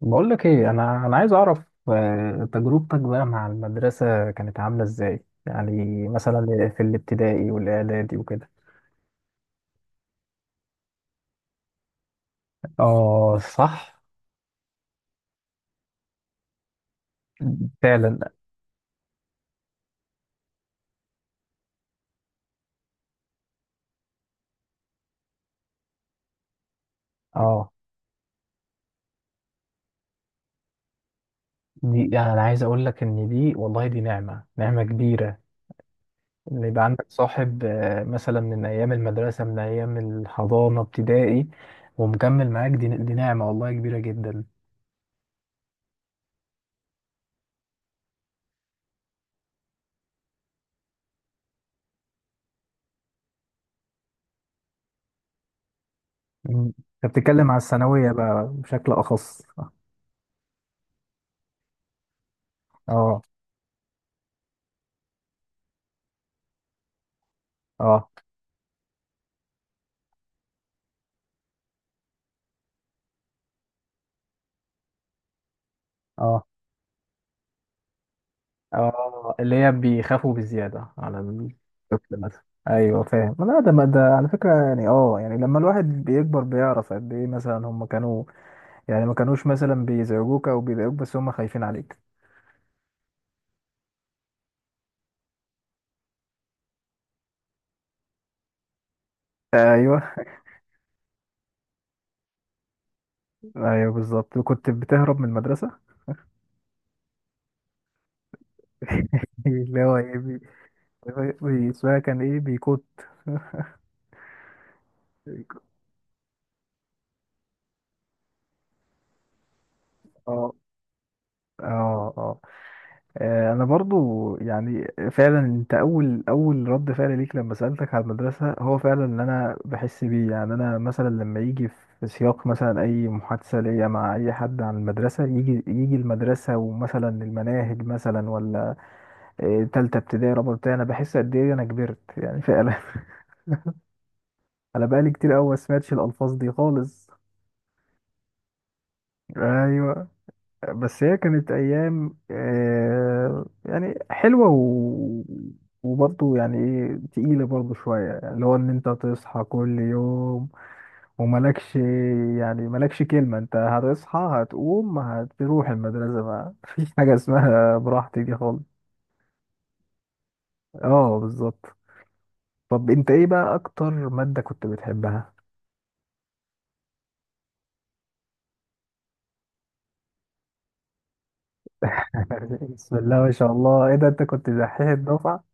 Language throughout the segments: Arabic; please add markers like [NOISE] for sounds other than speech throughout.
بقول لك ايه انا عايز اعرف. تجربتك بقى مع المدرسه كانت عامله ازاي؟ يعني مثلا في الابتدائي والاعدادي وكده. اه، صح، فعلا. اه، دي يعني انا عايز اقول لك ان دي والله دي نعمه، نعمه كبيره، ان يبقى عندك صاحب مثلا من ايام المدرسه، من ايام الحضانه، ابتدائي، ومكمل معاك. دي نعمه والله كبيره جدا. مم. انت بتتكلم على الثانويه بقى بشكل اخص. اه، اه، اه، اه، اللي هي بيخافوا بالزيادة على الطفل مثلا. ايوه، فاهم. لا، ده، ما ده على فكرة يعني. اه يعني لما الواحد بيكبر بيعرف قد ايه مثلا هم كانوا، يعني ما كانوش مثلا بيزعجوك او بيضايقوك، بس هم خايفين عليك. ايوه، ايوه، بالظبط، كنت بتهرب من المدرسة. [LAUGHS] اللي هو ايه، اسمها كان ايه؟ بيكوت. [LAUGHS] بيكوت. اه، اه، اه، انا برضو يعني فعلا انت اول رد فعل ليك لما سالتك على المدرسه هو فعلا اللي انا بحس بيه. يعني انا مثلا لما يجي في سياق، مثلا اي محادثه ليا مع اي حد عن المدرسه، يجي المدرسه ومثلا المناهج مثلا، ولا تالته ابتدائي، رابعه ابتدائي، انا بحس قد ايه انا كبرت يعني فعلا. [LAUGHS] انا بقالي كتير قوي ما سمعتش الالفاظ دي خالص. ايوه، بس هي كانت ايام يعني حلوه و... وبرضه يعني ايه تقيله برضه شويه، يعني اللي هو ان انت تصحى كل يوم وملكش، يعني ملكش كلمه. انت هتصحى هتقوم هتروح المدرسه، ما فيش [LAUGHS] حاجه اسمها براحتي دي خالص. اه، بالظبط. طب انت ايه بقى اكتر ماده كنت بتحبها؟ [LAUGHS] بسم الله ما شاء الله، ايه ده، انت كنت دحيح الدفعه.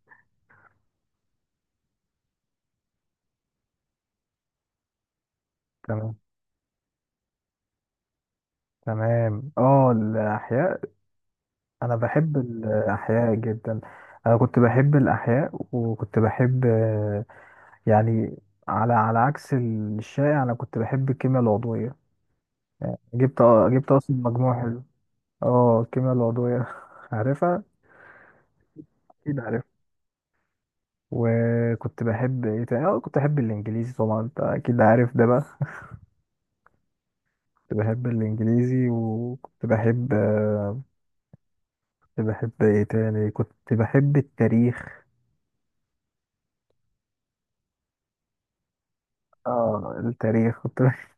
تمام، تمام، اه الاحياء. انا بحب الاحياء جدا. انا كنت بحب الاحياء، وكنت بحب يعني، على عكس الشائع انا كنت بحب الكيمياء العضويه. جبت جبت اصلا مجموع حلو. اه الكيمياء العضويه [LAUGHS] عارفها، اكيد عارف. وكنت بحب ايه تاني؟ اه كنت بحب الانجليزي طبعا، انت اكيد عارف ده بقى. [LAUGHS] كنت بحب الانجليزي، وكنت بحب كنت بحب ايه تاني؟ كنت بحب التاريخ. اه التاريخ كنت [LAUGHS]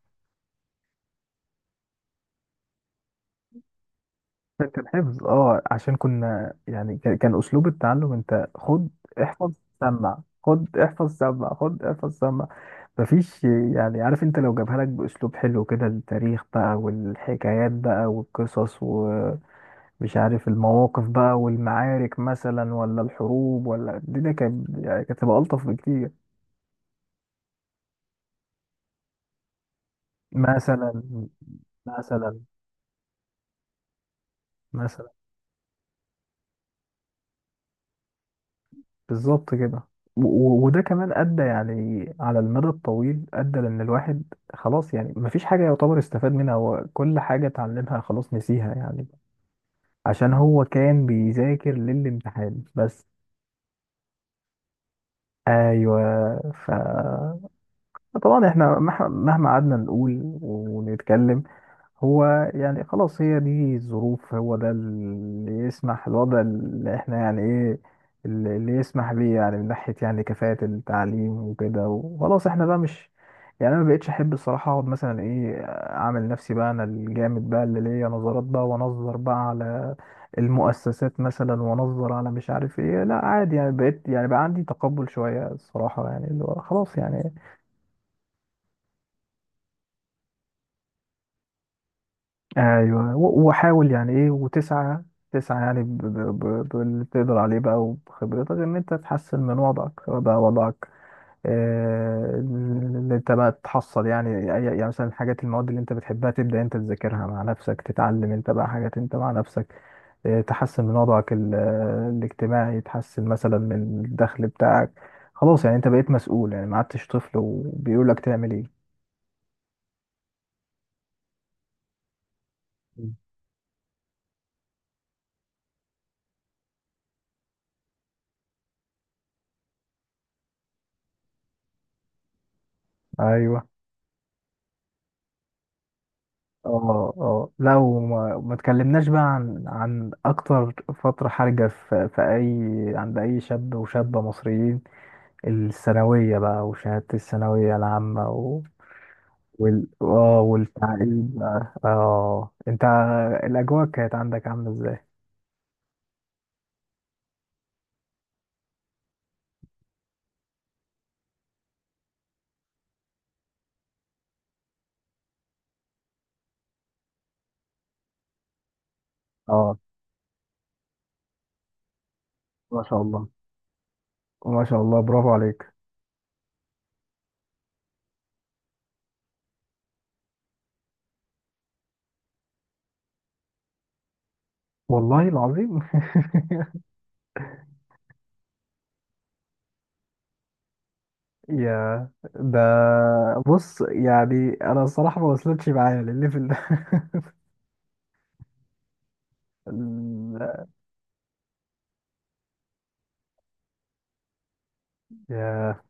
كان حفظ. اه عشان كنا يعني كان اسلوب التعلم. انت خد احفظ سمع، خد احفظ سمع، خد احفظ سمع، مفيش يعني. عارف، انت لو جابها لك باسلوب حلو كده، التاريخ بقى والحكايات بقى والقصص ومش عارف المواقف بقى والمعارك مثلا، ولا الحروب، ولا، الدنيا كانت يعني كانت تبقى الطف بكتير. مثلا، مثلا، مثلا بالظبط كده. و- و- وده كمان أدى يعني على المدى الطويل، أدى لأن الواحد خلاص يعني مفيش حاجة يعتبر استفاد منها. هو كل حاجة اتعلمها خلاص نسيها يعني، عشان هو كان بيذاكر للامتحان بس. أيوه، ف طبعا احنا مهما قعدنا نقول ونتكلم، هو يعني خلاص، هي دي الظروف، هو ده اللي يسمح، الوضع اللي احنا يعني ايه، اللي يسمح بيه، يعني من ناحية يعني كفاءة التعليم وكده، وخلاص احنا بقى مش. يعني انا ما بقتش احب الصراحة اقعد مثلا ايه، اعمل نفسي بقى انا الجامد بقى اللي ليا نظرات بقى وانظر بقى على المؤسسات مثلا، وانظر على مش عارف ايه. لا، عادي يعني، بقيت يعني بقى عندي تقبل شوية الصراحة، يعني اللي هو خلاص يعني. ايوه، وحاول يعني ايه وتسعى، تسعى يعني باللي تقدر عليه بقى وبخبرتك ان انت تحسن من وضعك، سواء بقى وضعك ان انت بقى تحصل يعني يعني مثلا الحاجات، المواد اللي انت بتحبها تبدا انت تذاكرها مع نفسك، تتعلم انت بقى حاجات انت مع نفسك، تحسن من وضعك الاجتماعي، تحسن مثلا من الدخل بتاعك. خلاص يعني انت بقيت مسؤول، يعني ما عدتش طفل وبيقول لك تعمل ايه. مم. ايوه، اه، اه، لو ما تكلمناش بقى عن اكتر فترة حرجة في اي، عند اي شاب وشابة مصريين، الثانوية بقى وشهادة الثانوية العامة. و... وال اه والتعليم بقى. اه انت، الاجواء كانت عندك عاملة ازاي؟ اه، ما شاء الله، ما شاء الله برافو عليك. والله العظيم. [LAUGHS] يا ده، بص يعني انا الصراحة ما وصلتش معايا للليفل ده. [LAUGHS] يا،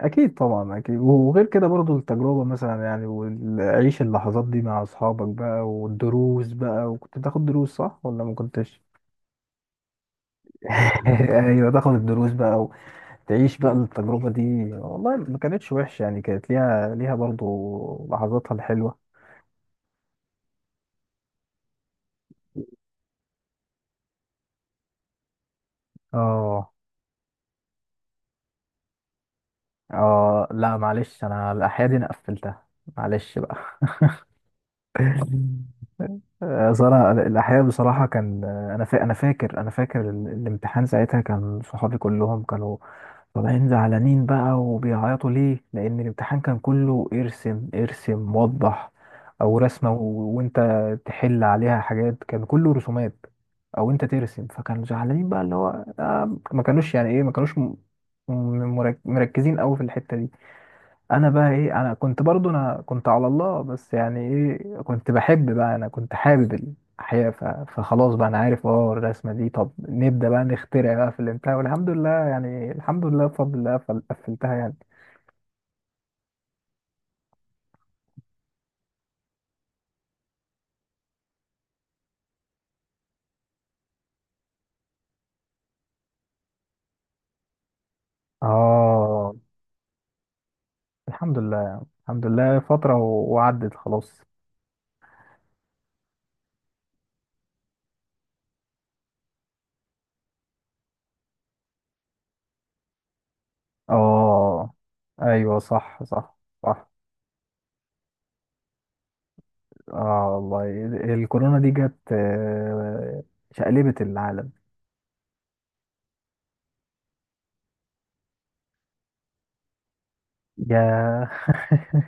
اكيد طبعا، اكيد. وغير كده برضو التجربه مثلا يعني، وعيش اللحظات دي مع اصحابك بقى والدروس بقى. وكنت بتاخد دروس صح ولا ما كنتش؟ [LAUGHS] ايوه، تاخد الدروس بقى، وتعيش بقى التجربه دي. والله ما كانتش وحشه يعني، كانت ليها برضو لحظاتها الحلوه. اه، اه، لا معلش، انا الاحياء دي انا قفلتها، معلش بقى. [LAUGHS] صراحة الأحياء بصراحة كان أنا أنا فاكر، أنا فاكر الامتحان ساعتها. كان صحابي كلهم كانوا طالعين زعلانين بقى وبيعيطوا. ليه؟ لأن الامتحان كان كله ارسم ارسم وضح، أو رسمة، و... وأنت تحل عليها حاجات. كان كله رسومات، أو أنت ترسم. فكانوا زعلانين بقى اللي هو ما كانوش يعني إيه، ما كانوش مركزين أوي في الحتة دي. انا بقى ايه، انا كنت برضو، انا كنت على الله. بس يعني ايه، كنت بحب بقى، انا كنت حابب الاحياء، فخلاص بقى انا عارف اه الرسمه دي. طب نبدا بقى نخترع بقى في الانتهاء. والحمد لله يعني، الحمد لله بفضل الله قفلتها يعني. اه، الحمد لله، الحمد لله، فتره وعدت خلاص. اه، ايوه، صح، صح، صح. اه والله الكورونا دي جت شقلبت العالم. يا، [LAUGHS]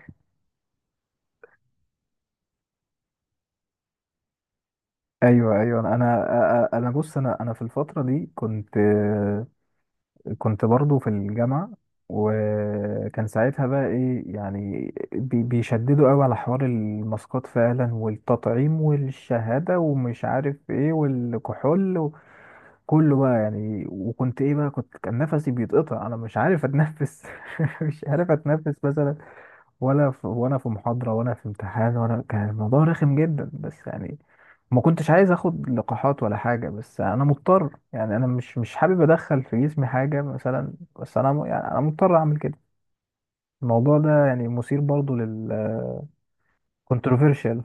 ايوه، ايوه، انا بص، انا في الفتره دي كنت، كنت برضو في الجامعه. وكان ساعتها بقى ايه يعني، بيشددوا قوي على حوار الماسكات فعلا، والتطعيم والشهاده ومش عارف ايه، والكحول وكله بقى يعني. وكنت ايه بقى كنت، كان نفسي بيتقطع، انا مش عارف اتنفس. [LAUGHS] مش عارف اتنفس، ولا في وانا في محاضرة، ولا في امتحان، ولا، كان الموضوع رخم جدا بس. يعني ما كنتش عايز اخد لقاحات ولا حاجة، بس انا مضطر. يعني انا مش حابب ادخل في جسمي حاجة مثلا، بس انا يعني انا مضطر اعمل كده. الموضوع ده يعني مثير برضو لل [LAUGHS] controversial.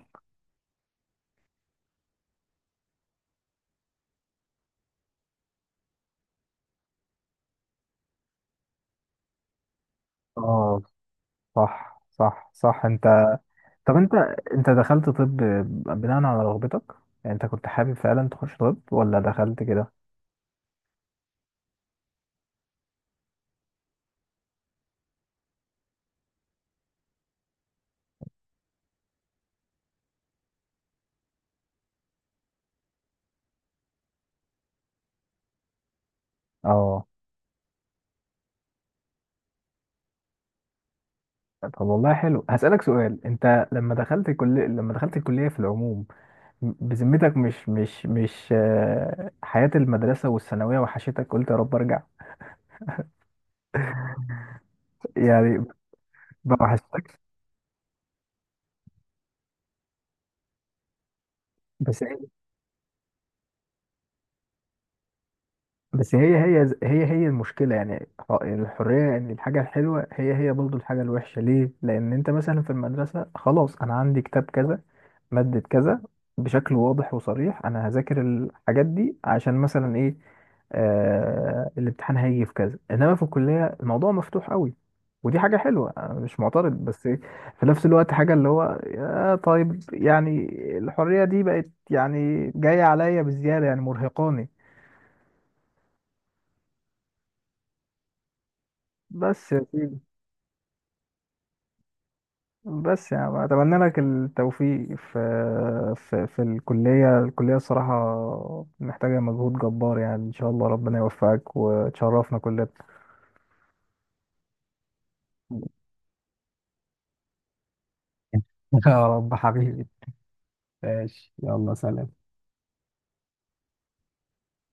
اه، صح، صح، صح، انت. طب انت، انت دخلت طب بناء على رغبتك؟ يعني انت كنت حابب فعلا تخش طب، ولا دخلت كده؟ اه، طب والله حلو. هسألك سؤال. انت لما دخلت الكلية، لما دخلت الكلية في العموم، بذمتك مش مش مش حياة المدرسة والثانوية وحشتك؟ قلت يا رب ارجع؟ يعني ما وحشتكش؟ بس هي- بس هي المشكلة يعني الحرية. ان الحاجة الحلوة هي برضه الحاجة الوحشة. ليه؟ لأن انت مثلا في المدرسة خلاص، انا عندي كتاب كذا، مادة كذا بشكل واضح وصريح. أنا هذاكر الحاجات دي عشان مثلا إيه الامتحان هيجي في كذا. إنما في الكلية الموضوع مفتوح قوي، ودي حاجة حلوة أنا مش معترض، بس إيه، في نفس الوقت حاجة اللي هو طيب يعني الحرية دي بقت يعني جاية عليا بزيادة، يعني مرهقاني. بس، بس يعني اتمنى لك التوفيق في، في الكليه. الكليه الصراحه محتاجه مجهود جبار يعني. ان شاء الله ربنا يوفقك وتشرفنا كلنا. [LAUGHS] يا رب حبيبي. ماشي يلا، سلام.